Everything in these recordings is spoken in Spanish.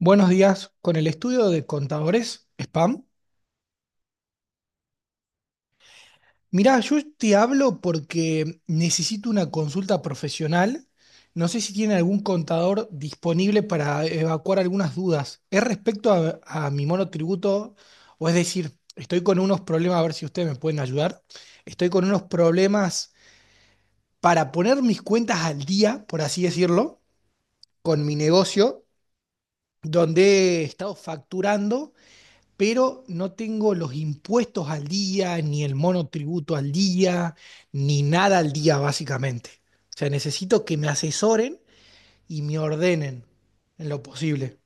Buenos días, con el estudio de contadores, Spam. Mirá, yo te hablo porque necesito una consulta profesional. No sé si tiene algún contador disponible para evacuar algunas dudas. Es respecto a mi monotributo, o es decir, estoy con unos problemas, a ver si ustedes me pueden ayudar. Estoy con unos problemas para poner mis cuentas al día, por así decirlo, con mi negocio, donde he estado facturando, pero no tengo los impuestos al día, ni el monotributo al día, ni nada al día básicamente. O sea, necesito que me asesoren y me ordenen en lo posible.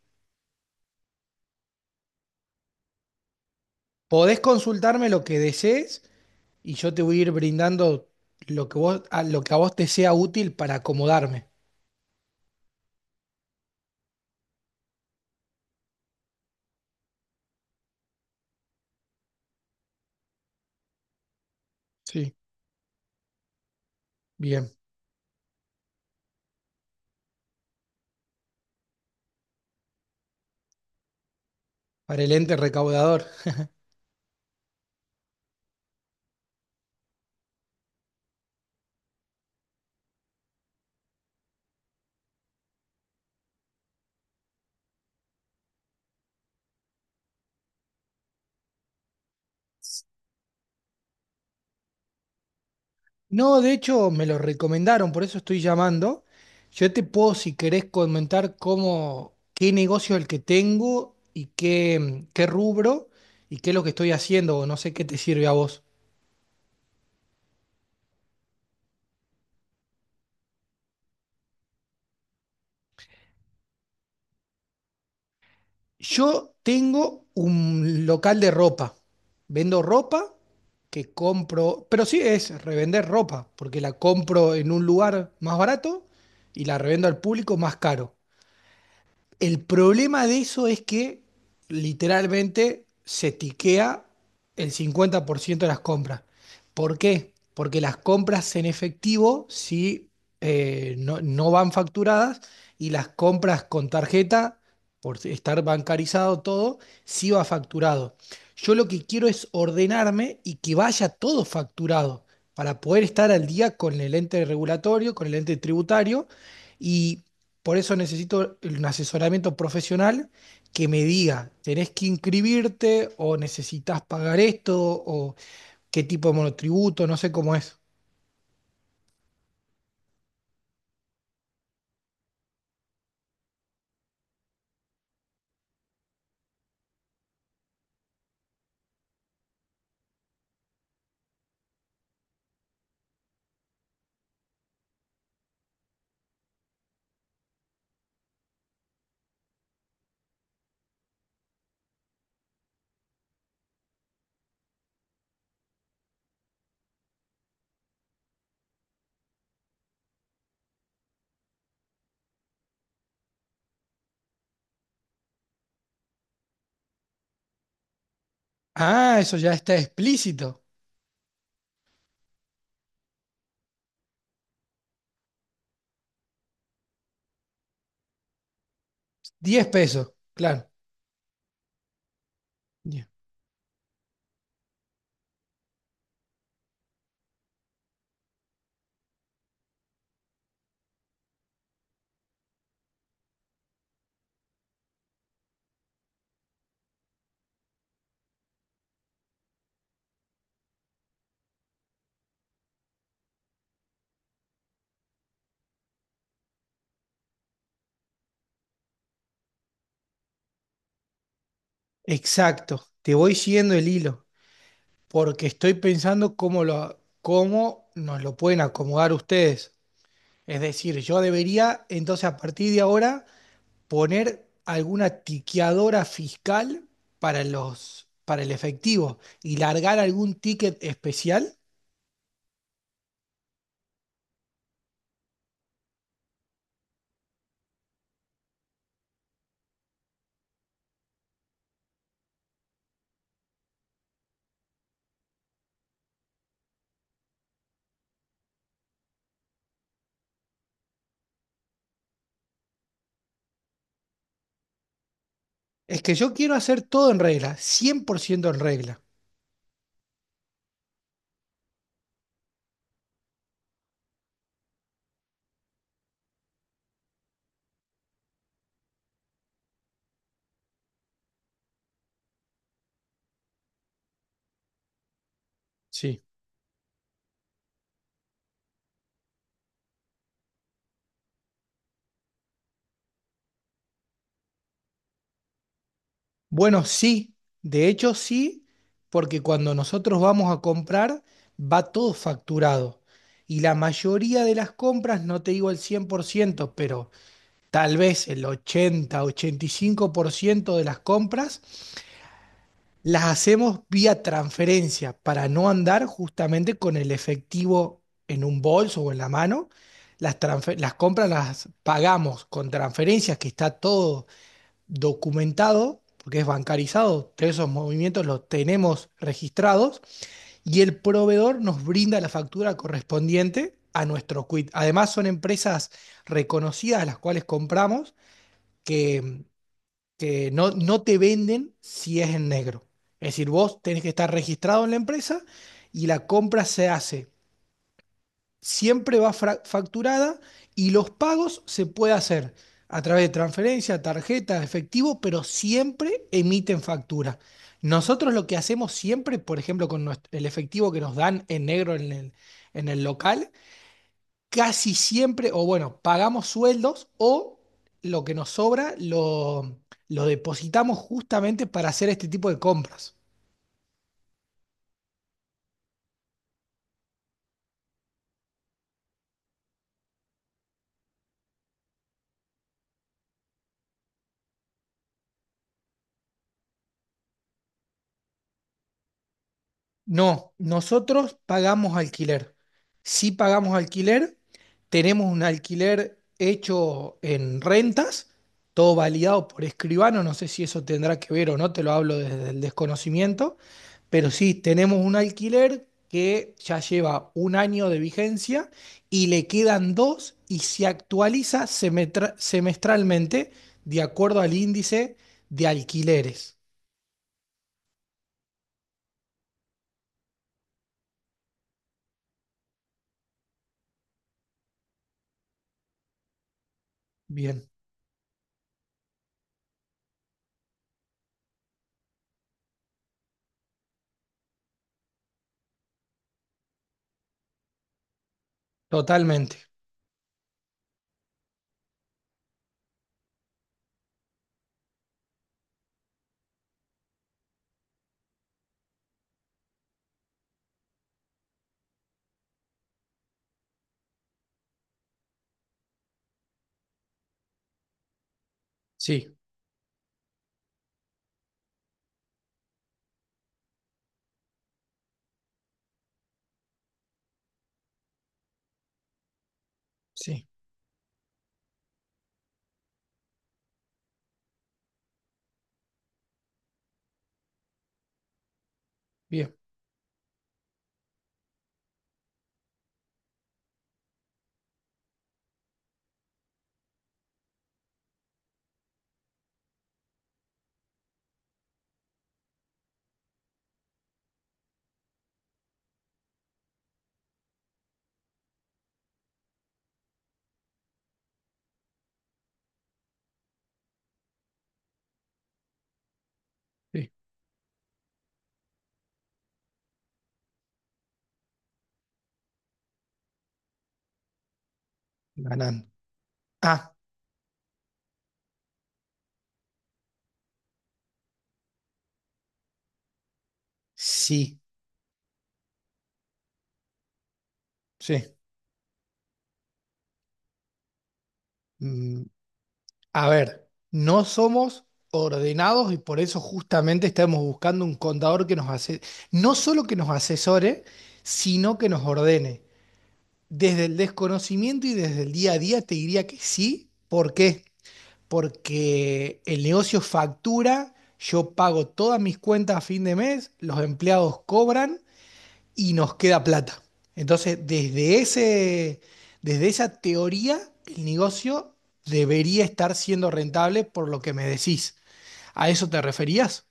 Podés consultarme lo que desees y yo te voy a ir brindando lo que a vos te sea útil para acomodarme. Sí, bien, para el ente recaudador. No, de hecho me lo recomendaron, por eso estoy llamando. Yo te puedo, si querés, comentar qué negocio es el que tengo y qué rubro y qué es lo que estoy haciendo, o no sé qué te sirve a vos. Yo tengo un local de ropa. Vendo ropa que compro, pero sí es revender ropa, porque la compro en un lugar más barato y la revendo al público más caro. El problema de eso es que literalmente se tiquea el 50% de las compras. ¿Por qué? Porque las compras en efectivo sí no, no van facturadas y las compras con tarjeta, por estar bancarizado todo, sí va facturado. Yo lo que quiero es ordenarme y que vaya todo facturado para poder estar al día con el ente regulatorio, con el ente tributario y por eso necesito un asesoramiento profesional que me diga, ¿tenés que inscribirte o necesitas pagar esto o qué tipo de monotributo? No sé cómo es. Ah, eso ya está explícito. 10 pesos, claro. Bien. Exacto, te voy siguiendo el hilo porque estoy pensando cómo nos lo pueden acomodar ustedes. Es decir, yo debería entonces a partir de ahora poner alguna tiqueadora fiscal para para el efectivo y largar algún ticket especial. Es que yo quiero hacer todo en regla, 100% en regla. Sí. Bueno, sí, de hecho sí, porque cuando nosotros vamos a comprar va todo facturado. Y la mayoría de las compras, no te digo el 100% pero tal vez el 80-85% de las compras las hacemos vía transferencia para no andar justamente con el efectivo en un bolso o en la mano. Las compras las pagamos con transferencias, que está todo documentado, porque es bancarizado, todos esos movimientos los tenemos registrados y el proveedor nos brinda la factura correspondiente a nuestro quit. Además, son empresas reconocidas a las cuales compramos, que que no, no te venden si es en negro. Es decir, vos tenés que estar registrado en la empresa y la compra se hace. Siempre va facturada y los pagos se puede hacer a través de transferencia, tarjeta, efectivo, pero siempre emiten factura. Nosotros lo que hacemos siempre, por ejemplo, con el efectivo que nos dan en negro en el local, casi siempre, o bueno, pagamos sueldos o lo que nos sobra lo depositamos justamente para hacer este tipo de compras. No, nosotros pagamos alquiler. Si pagamos alquiler, tenemos un alquiler hecho en rentas, todo validado por escribano, no sé si eso tendrá que ver o no, te lo hablo desde el desconocimiento, pero sí, tenemos un alquiler que ya lleva un año de vigencia y le quedan dos y se actualiza semestralmente de acuerdo al índice de alquileres. Bien, totalmente. Sí, sí. Bien. Sí, ganando. Ah, sí, sí. Mm, a ver, no somos ordenados y por eso justamente estamos buscando un contador que nos hace, no solo que nos asesore, sino que nos ordene. Desde el desconocimiento y desde el día a día te diría que sí. ¿Por qué? Porque el negocio factura, yo pago todas mis cuentas a fin de mes, los empleados cobran y nos queda plata. Entonces, desde esa teoría, el negocio debería estar siendo rentable por lo que me decís. ¿A eso te referías?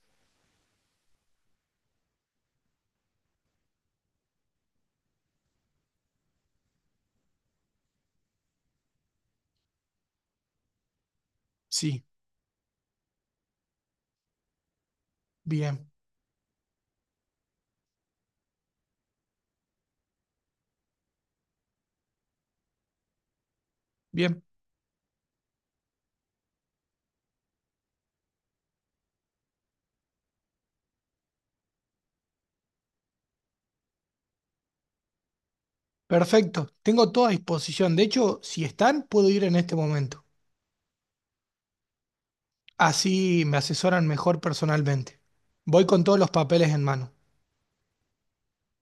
Sí, bien, bien, perfecto. Tengo toda a disposición. De hecho, si están, puedo ir en este momento. Así me asesoran mejor personalmente. Voy con todos los papeles en mano.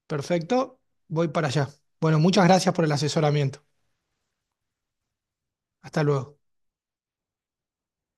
Perfecto, voy para allá. Bueno, muchas gracias por el asesoramiento. Hasta luego.